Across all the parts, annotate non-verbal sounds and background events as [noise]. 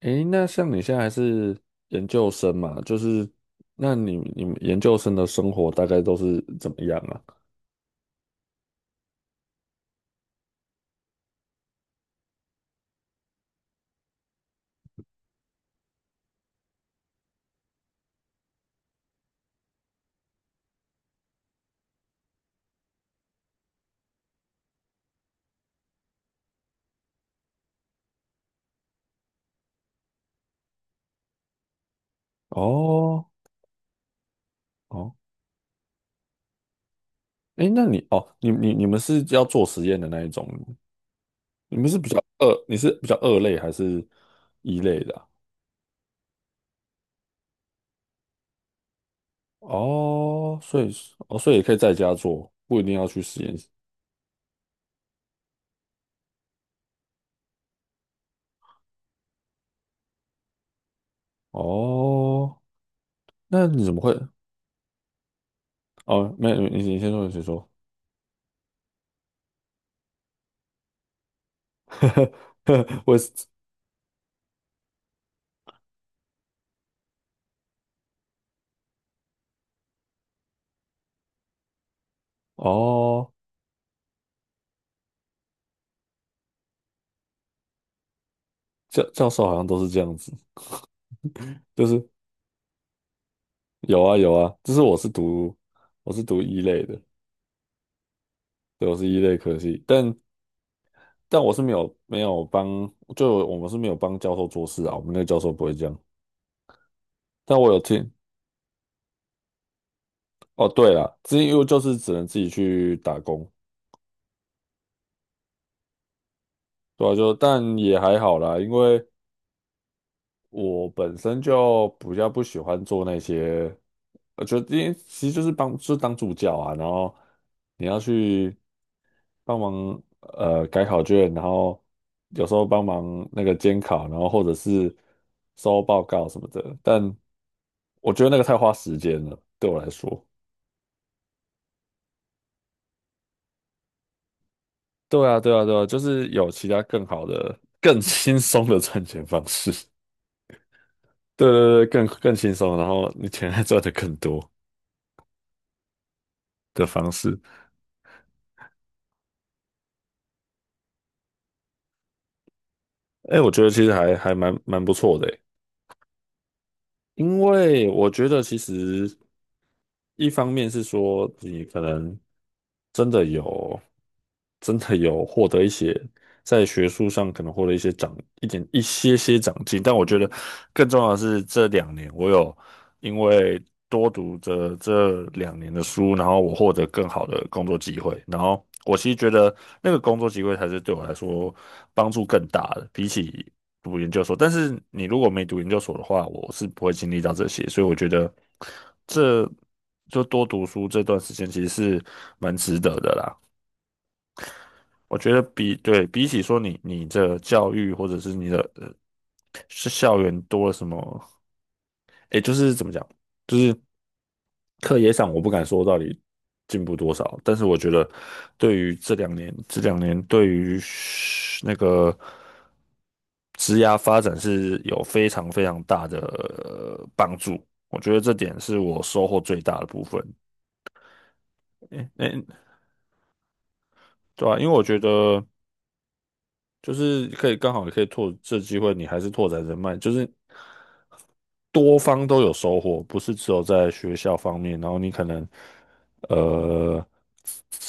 诶，那像你现在还是研究生嘛，就是那你们研究生的生活大概都是怎么样啊？哦哦，诶，那你哦，你你你们是要做实验的那一种，你们是比较二，你是比较二类还是一类的啊？哦，所以是哦，所以也可以在家做，不一定要去实验室。哦，那你怎么会？哦，没有你先说，你先说。[laughs] 我也是哦，教授好像都是这样子。就是有啊有啊，就是我是读一类的，对，我是一类科系，但我是没有帮，就我们是没有帮教授做事啊，我们那个教授不会这样。但我有听，哦对了，之前因为就是只能自己去打工，对啊，就但也还好啦，因为我本身就比较不喜欢做那些，我觉得因为其实就是就是当助教啊，然后你要去。帮忙改考卷，然后有时候帮忙那个监考，然后或者是收报告什么的。但我觉得那个太花时间了，对我来说。对啊，对啊，对啊，就是有其他更好的、更轻松的赚钱方式。对对对，更轻松，然后你钱还赚的更多的方式。哎，我觉得其实还蛮不错的诶，因为我觉得其实一方面是说你可能真的有真的有获得一些在学术上可能获得一些长一点一些些长进，但我觉得更重要的是这两年我有因为多读着这两年的书，然后我获得更好的工作机会，然后我其实觉得那个工作机会才是对我来说帮助更大的，比起读研究所，但是你如果没读研究所的话，我是不会经历到这些，所以我觉得这就多读书这段时间其实是蛮值得的啦。我觉得比起说你的教育或者是你的是校园多了什么，诶，就是怎么讲，就是课业上我不敢说到底进步多少，但是我觉得对于这两年对于那个职涯发展是有非常非常大的帮助，我觉得这点是我收获最大的部分。诶诶，对啊，因为我觉得。就是可以刚好也可以拓这机会，你还是拓展人脉，就是多方都有收获，不是只有在学校方面，然后你可能呃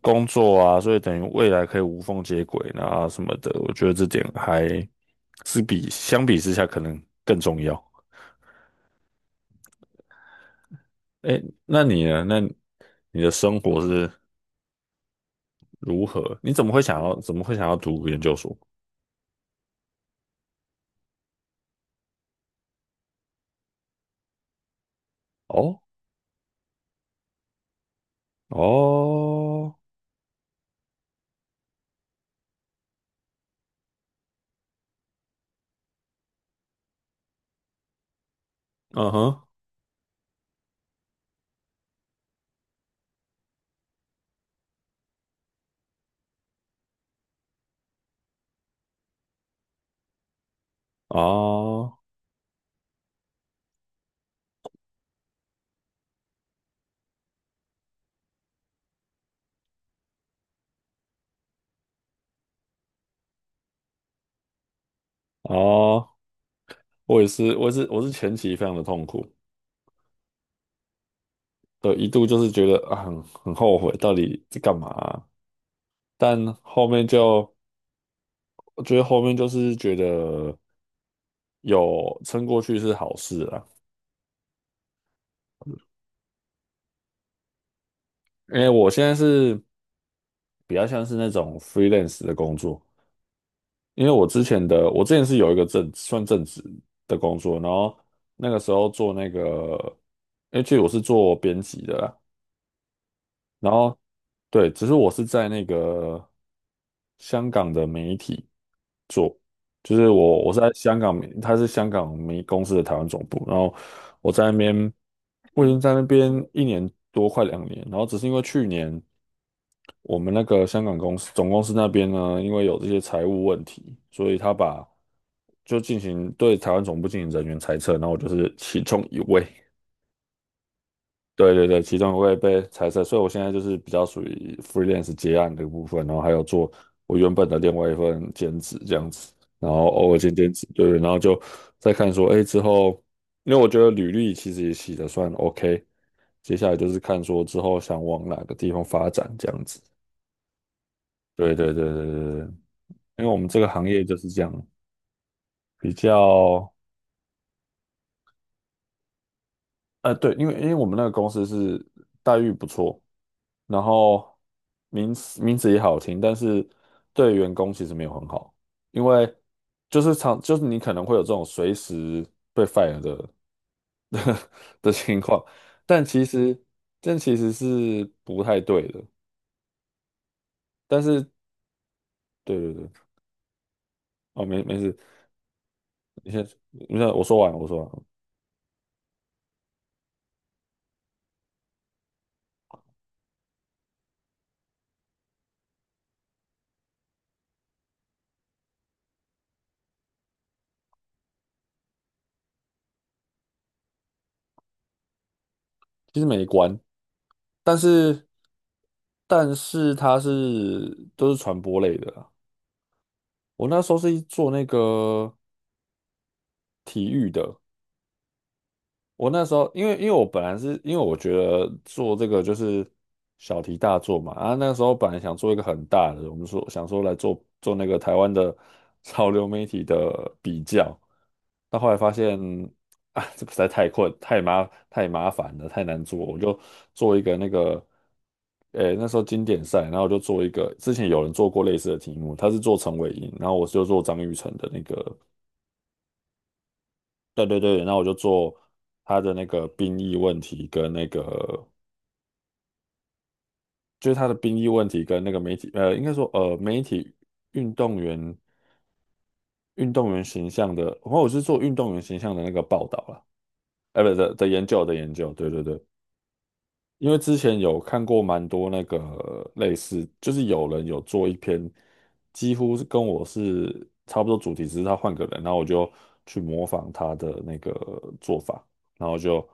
工作啊，所以等于未来可以无缝接轨啊什么的，我觉得这点还是相比之下可能更重要。哎，那你呢？那你的生活是如何？你怎么会想要读研究所？哦哦，嗯哼，啊。哦，我也是，我也是，我是前期非常的痛苦，对，一度就是觉得啊很后悔，到底在干嘛啊但后面就，我觉得后面就是觉得有撑过去是好事啊，因为我现在是比较像是那种 freelance 的工作，因为我之前是有一个正职的工作，然后那个时候做那个，因为其实我是做编辑的啦。然后对，只是我是在那个香港的媒体，就是我是在香港媒，他是香港媒公司的台湾总部，然后我在那边，我已经在那边1年多，快两年，然后只是因为去年我们那个香港公司总公司那边呢，因为有这些财务问题，所以就进行对台湾总部进行人员裁撤，然后我就是其中一位，对对对，其中一会被裁撤，所以我现在就是比较属于 freelance 接案的部分，然后还有做我原本的另外一份兼职这样子，然后偶尔兼职，对对，然后就再看说，哎，之后，因为我觉得履历其实也写的算 OK，接下来就是看说之后想往哪个地方发展这样子，对对对对对对，因为我们这个行业就是这样，比较，对，因为我们那个公司是待遇不错。然后名字也好听，但是对员工其实没有很好，因为就是常就是你可能会有这种随时被 fire 的 [laughs] 的情况，但其实这其实是不太对的，但是对对对，哦没事，你先我说完，其实没关，但是都是传播类的啦。我那时候是做那个体育的。我那时候，因为我本来是因为我觉得做这个就是小题大做嘛，啊，那时候本来想做一个很大的，我们说想说来做做那个台湾的 [laughs] 潮流媒体的比较，但后来发现啊，这个实在太麻烦了，太难做，我就做一个那个，诶，那时候经典赛，然后我就做一个，之前有人做过类似的题目，他是做陈伟霆，然后我就做张育成的那个。对对对，那我就做他的那个兵役问题跟那个，就是他的兵役问题跟那个媒体，应该说媒体运动员运动员形象的，然后我是做运动员形象的那个报道啦，不的研究的研究，对对对，因为之前有看过蛮多那个类似，就是有人有做一篇，几乎是跟我是差不多主题，只是他换个人，然后我就去模仿他的那个做法。然后就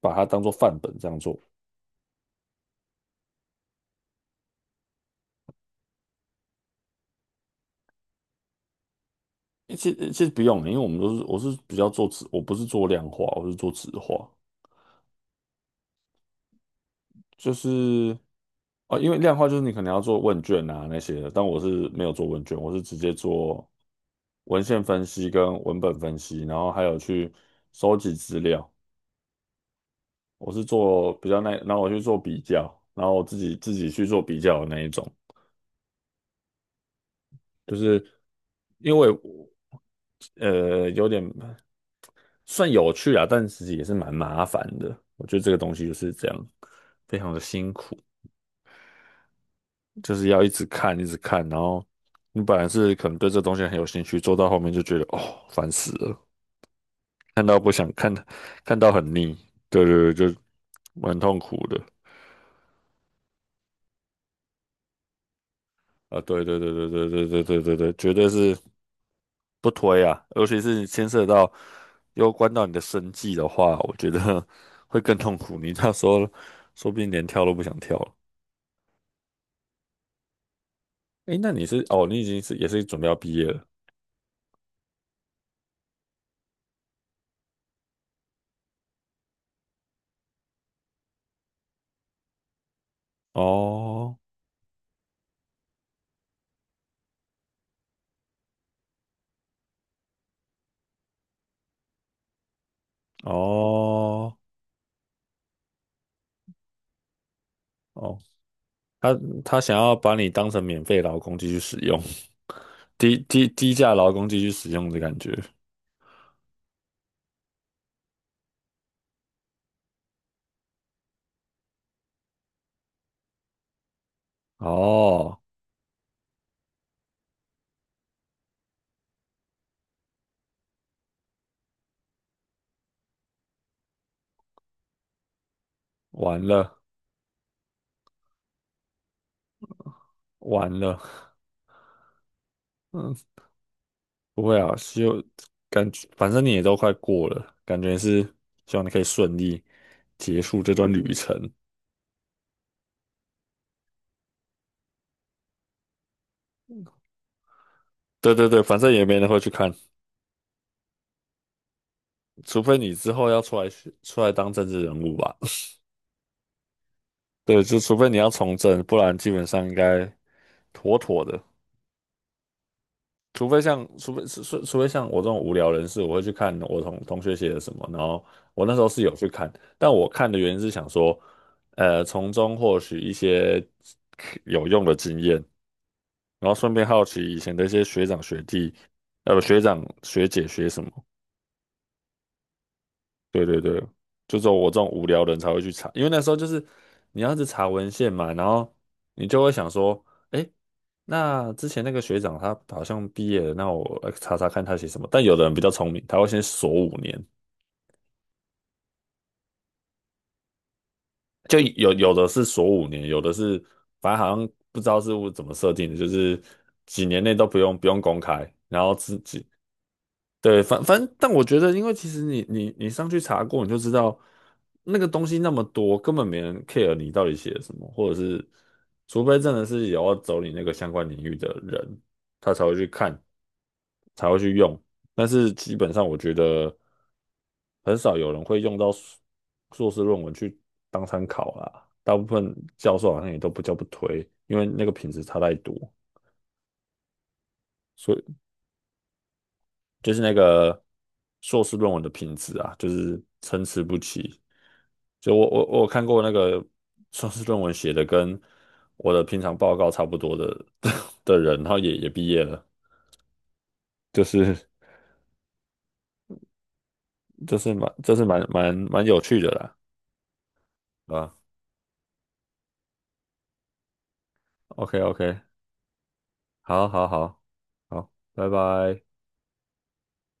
把它当做范本这样做。诶其实不用欸，因为我是比较做质，我不是做量化，我是做质化，就是哦，因为量化就是你可能要做问卷啊那些的，但我是没有做问卷，我是直接做文献分析跟文本分析，然后还有去收集资料，我是做比较那，然后我去做比较，然后我自己去做比较的那一种，就是因为我有点。算有趣啊，但其实也是蛮麻烦的。我觉得这个东西就是这样，非常的辛苦，就是要一直看，一直看，然后你本来是可能对这东西很有兴趣，做到后面就觉得哦，烦死了，看到不想看，看到很腻，对对对，就蛮痛苦的啊，对对对对对对对对对对，绝对是不推啊，尤其是牵涉到攸关到你的生计的话，我觉得 [laughs] 会更痛苦，你到时候说不定连跳都不想跳了。哎，那你是哦，你已经是也是准备要毕业了？哦哦哦，他他想要把你当成免费劳工继续使用，[laughs] 低价劳工继续使用的感觉哦，完了完了，嗯，不会啊，希望感觉反正你也都快过了，感觉是希望你可以顺利结束这段旅程。对对对，反正也没人会去看，除非你之后要出来当政治人物吧。对，就除非你要从政，不然基本上应该妥妥的。除非像，除非像我这种无聊人士，我会去看我同学写的什么，然后我那时候是有去看，但我看的原因是想说，从中获取一些有用的经验，然后顺便好奇以前的一些学长学弟，不，学长学姐学什么。对对对，就只有我这种无聊的人才会去查，因为那时候就是你要是查文献嘛，然后你就会想说，哎，那之前那个学长他好像毕业了，那我来查查看他写什么。但有的人比较聪明，他会先锁五年，就有的是锁五年，有的是反正好像不知道是怎么设定的，就是几年内都不用公开，然后自己对，反正，但我觉得，因为其实你上去查过，你就知道那个东西那么多，根本没人 care 你到底写了什么，或者是，除非真的是有要走你那个相关领域的人，他才会去看，才会去用。但是基本上，我觉得很少有人会用到硕士论文去当参考啦。大部分教授好像也都不叫不推，因为那个品质差太多。所以。就是那个硕士论文的品质啊，就是参差不齐。就我有看过那个硕士论文写的跟我的平常报告差不多的 [laughs] 的人，然后也毕业了，就是蛮蛮有趣的啦，啊，OK OK，好好好好，拜拜。